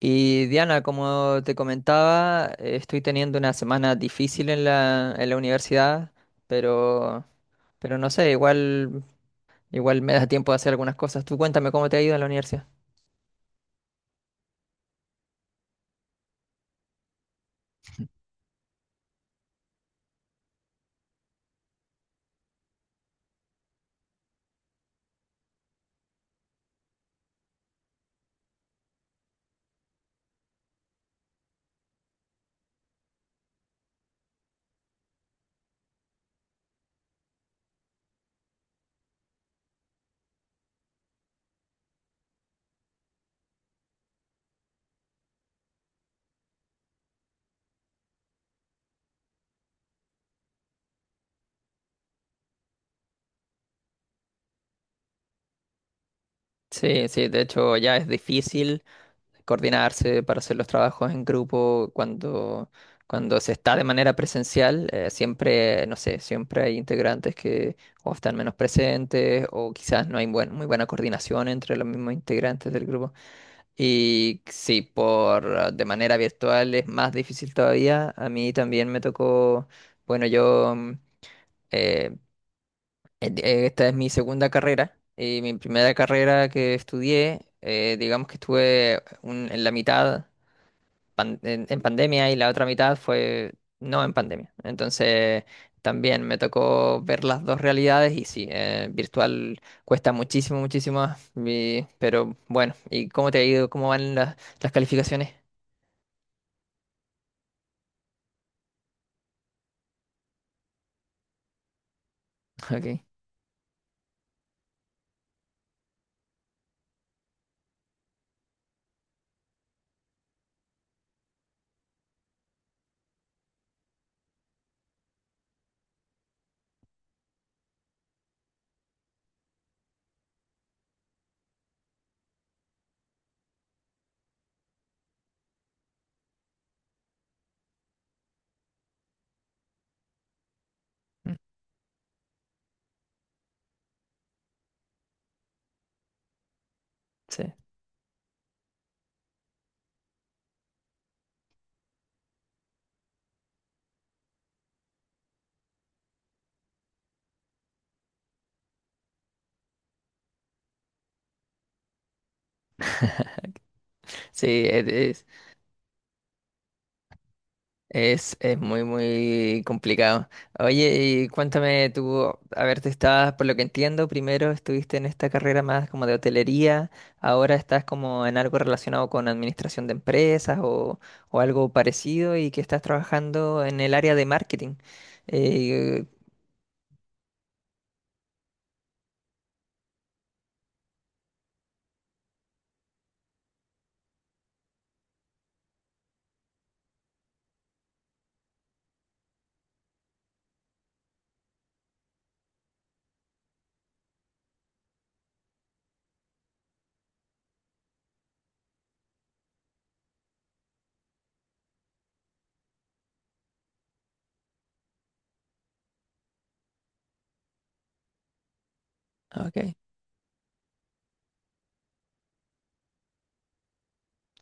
Y Diana, como te comentaba, estoy teniendo una semana difícil en en la universidad, pero, pero no sé, igual me da tiempo de hacer algunas cosas. Tú cuéntame cómo te ha ido en la universidad. Sí, sí, de hecho ya es difícil coordinarse para hacer los trabajos en grupo cuando se está de manera presencial. Siempre, no sé, siempre hay integrantes que o están menos presentes o quizás no hay muy buena coordinación entre los mismos integrantes del grupo. Y sí, por de manera virtual es más difícil todavía. A mí también me tocó, bueno, eh, Esta es mi segunda carrera. Mi primera carrera que estudié, digamos que estuve en la mitad en pandemia y la otra mitad fue no en pandemia. Entonces también me tocó ver las dos realidades y sí, virtual cuesta muchísimo, muchísimo más. Pero bueno, ¿y cómo te ha ido? ¿Cómo van las calificaciones? Ok. Mm. Sí, sí. Es muy, muy complicado. Oye, y cuéntame tú, a ver, tú estabas, por lo que entiendo, primero estuviste en esta carrera más como de hotelería, ahora estás como en algo relacionado con administración de empresas o algo parecido y que estás trabajando en el área de marketing. Eh, ok.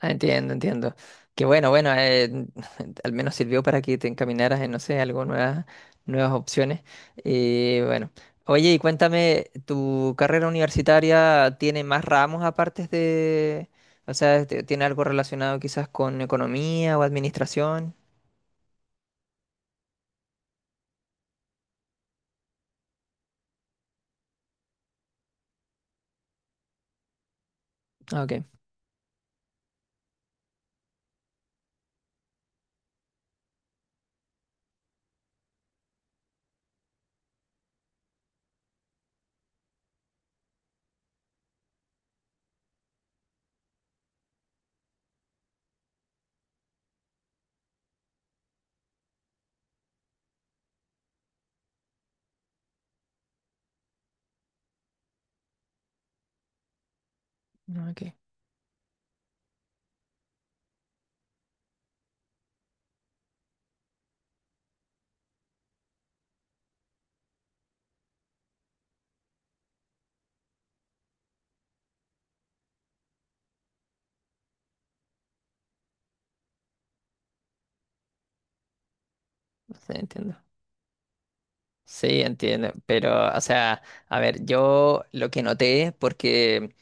Ah, entiendo, entiendo. Que bueno, bueno, al menos sirvió para que te encaminaras en, no sé, algo nuevas opciones. Y bueno, oye, y cuéntame, ¿tu carrera universitaria tiene más ramos aparte de, o sea, este, tiene algo relacionado quizás con economía o administración? Ah, ok. Ok, sí, entiendo. Sí, entiendo, pero, o sea, a ver, yo lo que noté, porque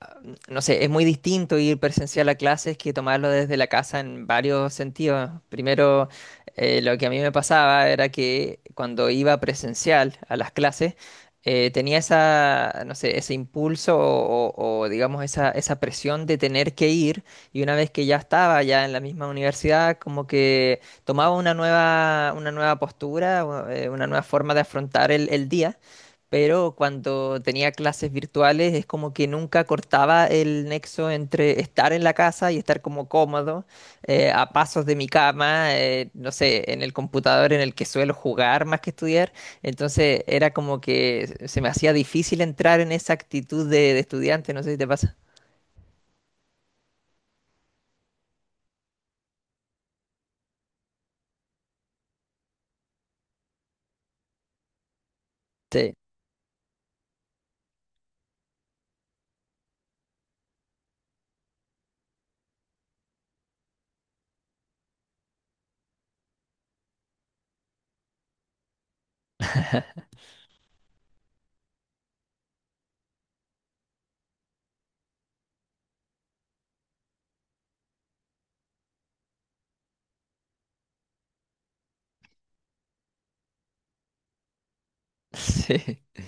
ah, no sé, es muy distinto ir presencial a clases que tomarlo desde la casa en varios sentidos. Primero, lo que a mí me pasaba era que cuando iba presencial a las clases, tenía esa, no sé, ese impulso o, digamos esa presión de tener que ir y una vez que ya estaba ya en la misma universidad, como que tomaba una una nueva postura, o, una nueva forma de afrontar el día, pero cuando tenía clases virtuales es como que nunca cortaba el nexo entre estar en la casa y estar como cómodo, a pasos de mi cama, no sé, en el computador en el que suelo jugar más que estudiar. Entonces era como que se me hacía difícil entrar en esa actitud de estudiante, no sé si te pasa. Sí, sí, sí,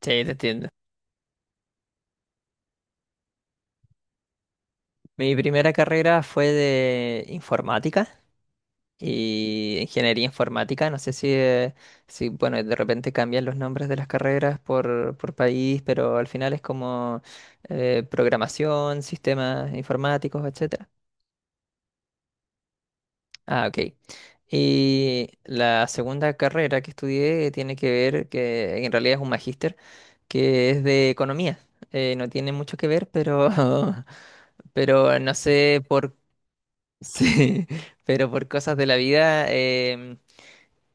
te entiendo. Mi primera carrera fue de informática. Y ingeniería informática, no sé si, si, bueno, de repente cambian los nombres de las carreras por país, pero al final es como programación, sistemas informáticos, etcétera. Ah, ok. Y la segunda carrera que estudié tiene que ver, que en realidad es un magíster, que es de economía. No tiene mucho que ver, pero, pero no sé por, sí, pero por cosas de la vida. Em,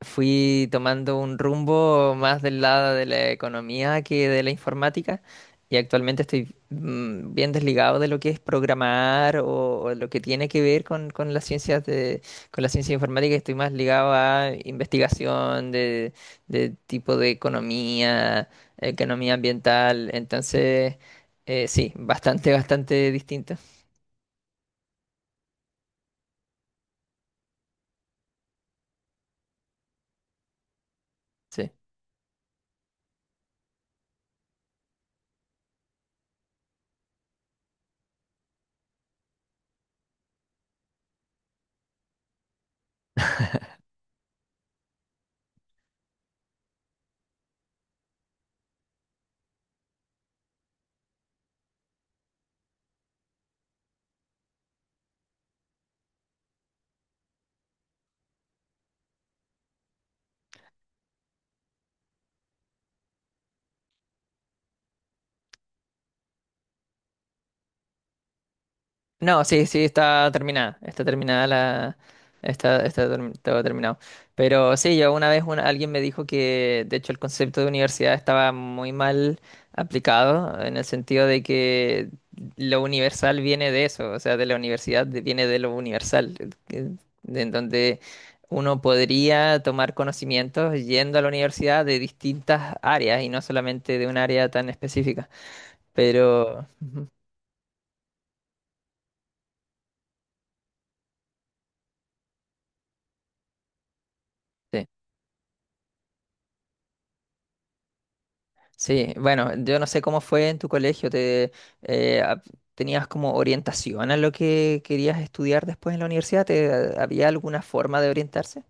fui tomando un rumbo más del lado de la economía que de la informática y actualmente estoy mm, bien desligado de lo que es programar o lo que tiene que ver con las ciencias de, con la ciencia informática. Estoy más ligado a investigación de tipo de economía, economía ambiental. Entonces, sí, bastante, bastante distinto. Sí. No, sí, sí, está terminada. Está terminada la. Todo terminado. Pero sí, yo una vez alguien me dijo que, de hecho, el concepto de universidad estaba muy mal aplicado, en el sentido de que lo universal viene de eso, o sea, de la universidad viene de lo universal, de en donde uno podría tomar conocimientos yendo a la universidad de distintas áreas y no solamente de un área tan específica. Pero. Sí. Sí, bueno, yo no sé cómo fue en tu colegio, te, eh, ap- ¿tenías como orientación a lo que querías estudiar después en la universidad? ¿Te, había alguna forma de orientarse?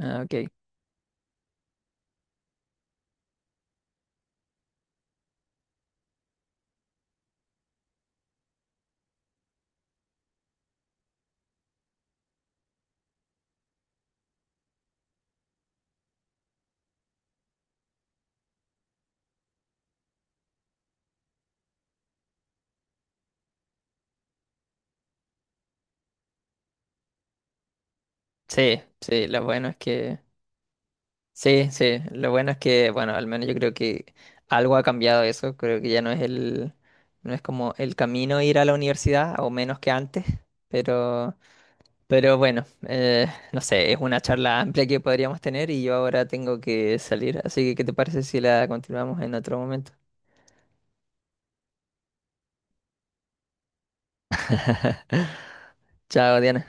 Ah, ok. Sí, sí, lo bueno es que, sí, sí, lo bueno es que, bueno, al menos yo creo que algo ha cambiado eso, creo que ya no es el, no es como el camino ir a la universidad, o menos que antes, pero... Pero bueno, no sé, es una charla amplia que podríamos tener y yo ahora tengo que salir, así que ¿qué te parece si la continuamos en otro momento? Chao, Diana.